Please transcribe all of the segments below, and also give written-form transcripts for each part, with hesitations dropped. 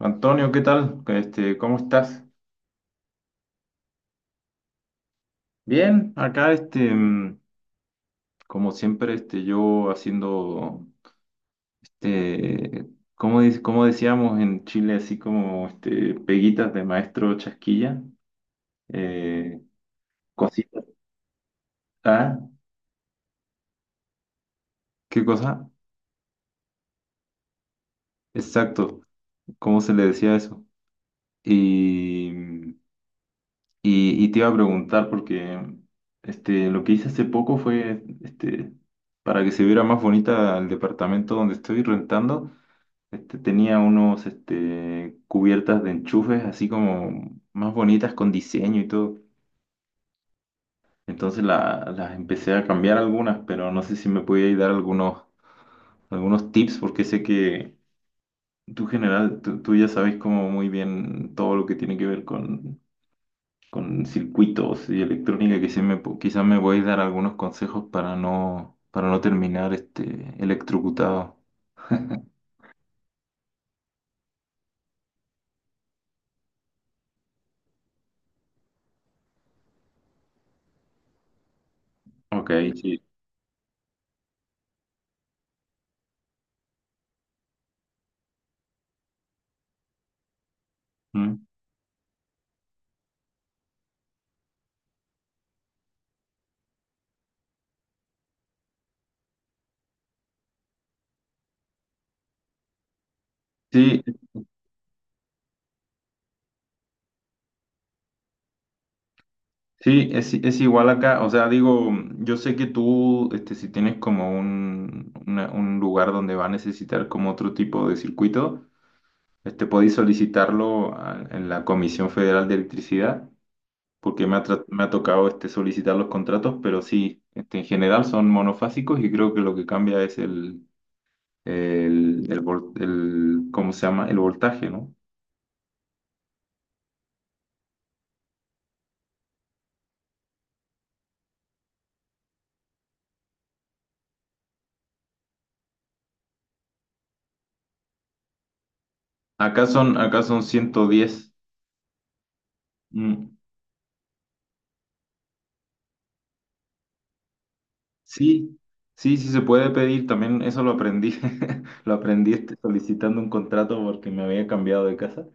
Antonio, ¿qué tal? Este, ¿cómo estás? Bien, acá este, como siempre, este, yo haciendo, este, como, como decíamos en Chile, así como este, peguitas de maestro chasquilla, eh, cositas. Ah, ¿qué cosa? Exacto, ¿cómo se le decía eso? Y, y te iba a preguntar porque este, lo que hice hace poco fue, este, para que se viera más bonita el departamento donde estoy rentando. Este, tenía unos este, cubiertas de enchufes así como más bonitas con diseño y todo. Entonces las empecé a cambiar algunas, pero no sé si me podías dar algunos tips porque sé que tú general, tú ya sabes como muy bien todo lo que tiene que ver con circuitos y electrónica, que sí quizás me podéis dar algunos consejos para no terminar este, electrocutado. Ok, sí. Mm. Sí, sí, es igual acá, o sea, digo, yo sé que tú, este, si tienes como un, un lugar donde va a necesitar como otro tipo de circuito, este, podéis solicitarlo en la Comisión Federal de Electricidad, porque me ha tocado, este, solicitar los contratos, pero sí, este, en general son monofásicos y creo que lo que cambia es ¿cómo se llama? El voltaje, ¿no? Acá son 110. Mm. Sí, sí, sí se puede pedir, también eso lo aprendí, lo aprendí este, solicitando un contrato porque me había cambiado de casa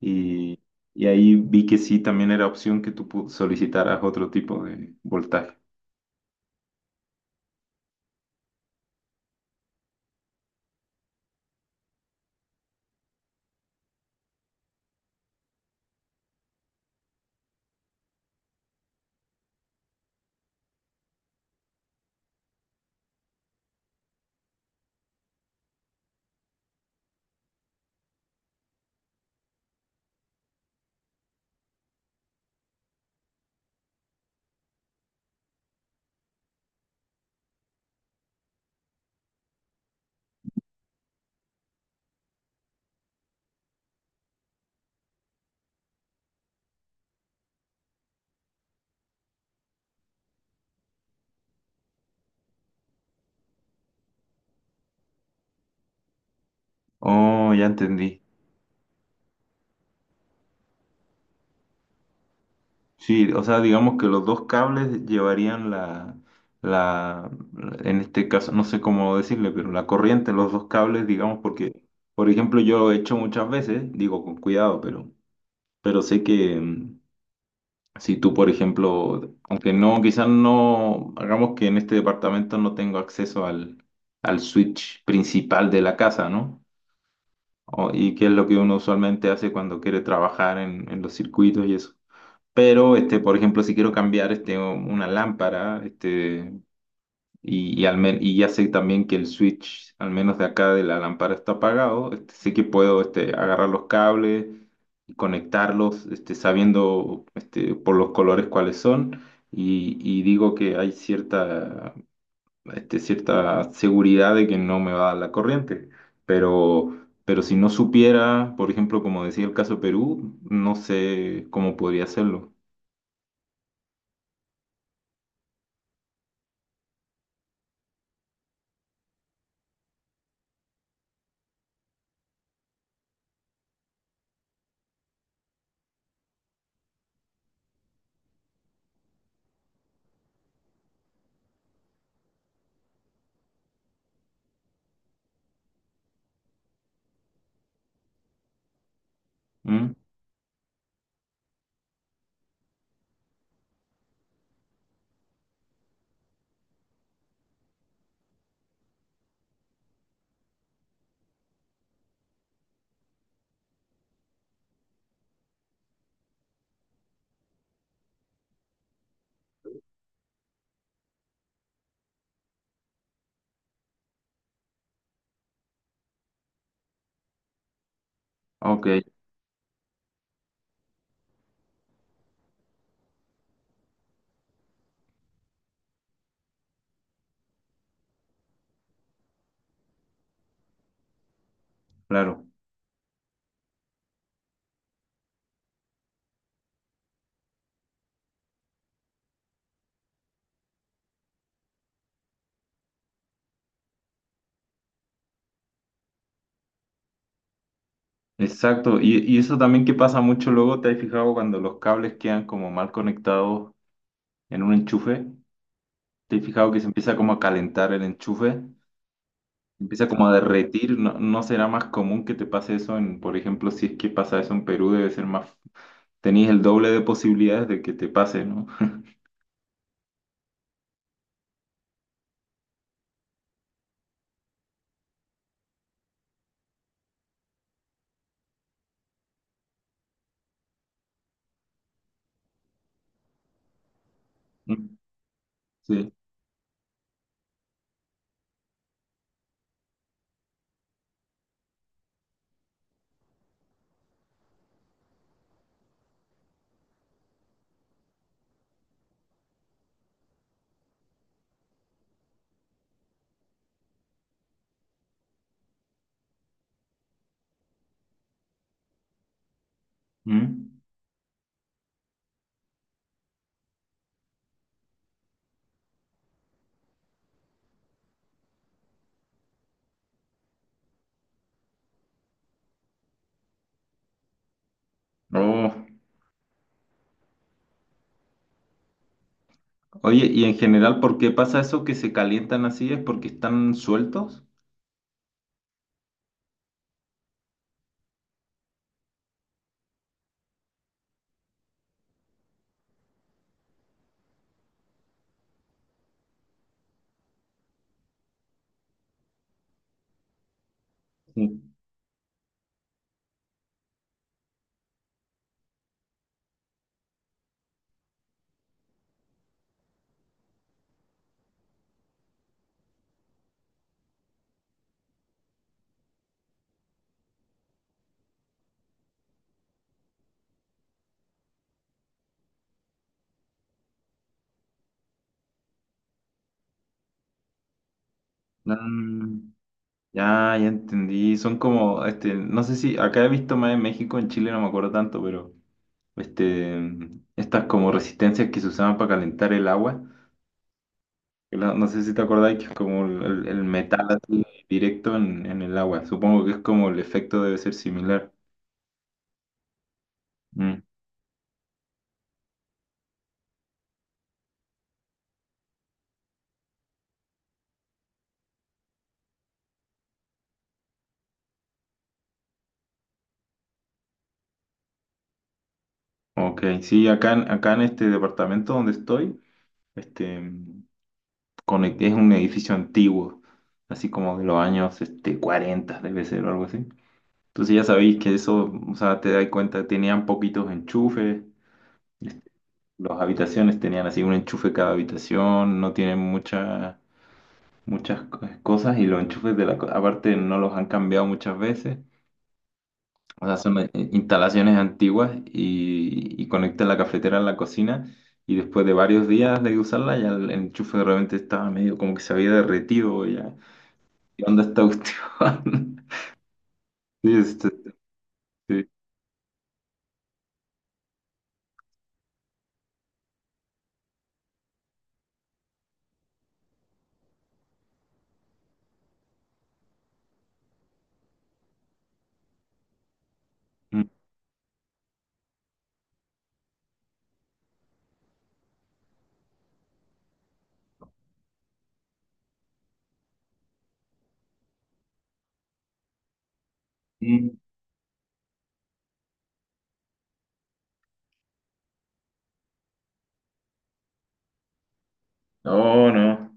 y, y ahí vi que sí, también era opción que tú solicitaras otro tipo de voltaje. Oh, ya entendí. Sí, o sea, digamos que los dos cables llevarían la, en este caso, no sé cómo decirle, pero la corriente, los dos cables, digamos, porque, por ejemplo, yo lo he hecho muchas veces, digo con cuidado, pero, sé que... Si tú, por ejemplo, aunque no, quizás no, hagamos que en este departamento no tengo acceso al switch principal de la casa, ¿no? ¿Y qué es lo que uno usualmente hace cuando quiere trabajar en los circuitos y eso? Pero, este, por ejemplo, si quiero cambiar este, una lámpara, este, y ya sé también que el switch, al menos de acá de la lámpara, está apagado. Este, sé que puedo este, agarrar los cables y conectarlos, este, sabiendo este, por los colores cuáles son. Y digo que hay cierta seguridad de que no me va a dar la corriente. Pero si no supiera, por ejemplo, como decía el caso Perú, no sé cómo podría hacerlo. ¿Mm? Ok, claro. Exacto, y eso también que pasa mucho luego. ¿Te has fijado cuando los cables quedan como mal conectados en un enchufe? ¿Te has fijado que se empieza como a calentar el enchufe? Empieza como a derretir, ¿no? ¿No será más común que te pase eso en, por ejemplo, si es que pasa eso en Perú, debe ser más, tenéis el doble de posibilidades de que te pase, ¿no? Mm, sí. Mm. Oh. Oye, y en general, ¿por qué pasa eso que se calientan así? ¿Es porque están sueltos? Sí. Mm. Ya, ya entendí. Son como, este, no sé si acá he visto más en México, en Chile no me acuerdo tanto, pero este, estas como resistencias que se usaban para calentar el agua. No sé si te acordáis que es como el metal así directo en el agua. Supongo que es como el efecto debe ser similar. Mm, ok, sí, acá, acá en este departamento donde estoy, este, es un edificio antiguo, así como de los años este, 40, debe ser o algo así. Entonces ya sabéis que eso, o sea, te das cuenta, tenían poquitos enchufes, este, las habitaciones tenían así un enchufe cada habitación, no tienen muchas cosas y los enchufes de aparte no los han cambiado muchas veces. O sea, son instalaciones antiguas y conectan la cafetera a la cocina y después de varios días de usarla ya el enchufe realmente estaba medio como que se había derretido ya. ¿Qué onda esta cuestión? Sí, este, sí. Mm. Mm. No, no.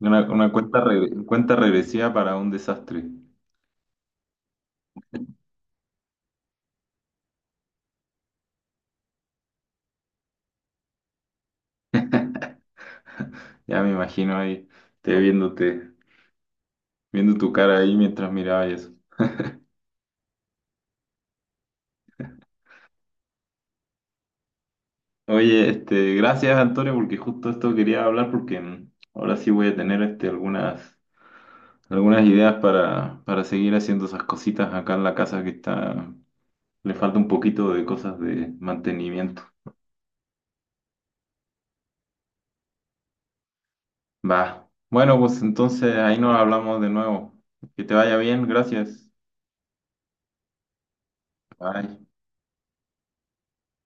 Una cuenta regresiva para un desastre. Ya me imagino ahí, te viéndote, viendo tu cara ahí mientras miraba eso. Oye, este, gracias Antonio, porque justo esto quería hablar, porque ahora sí voy a tener este, algunas ideas para seguir haciendo esas cositas acá en la casa que está, le falta un poquito de cosas de mantenimiento. Va. Bueno, pues entonces ahí nos hablamos de nuevo. Que te vaya bien, gracias. Bye.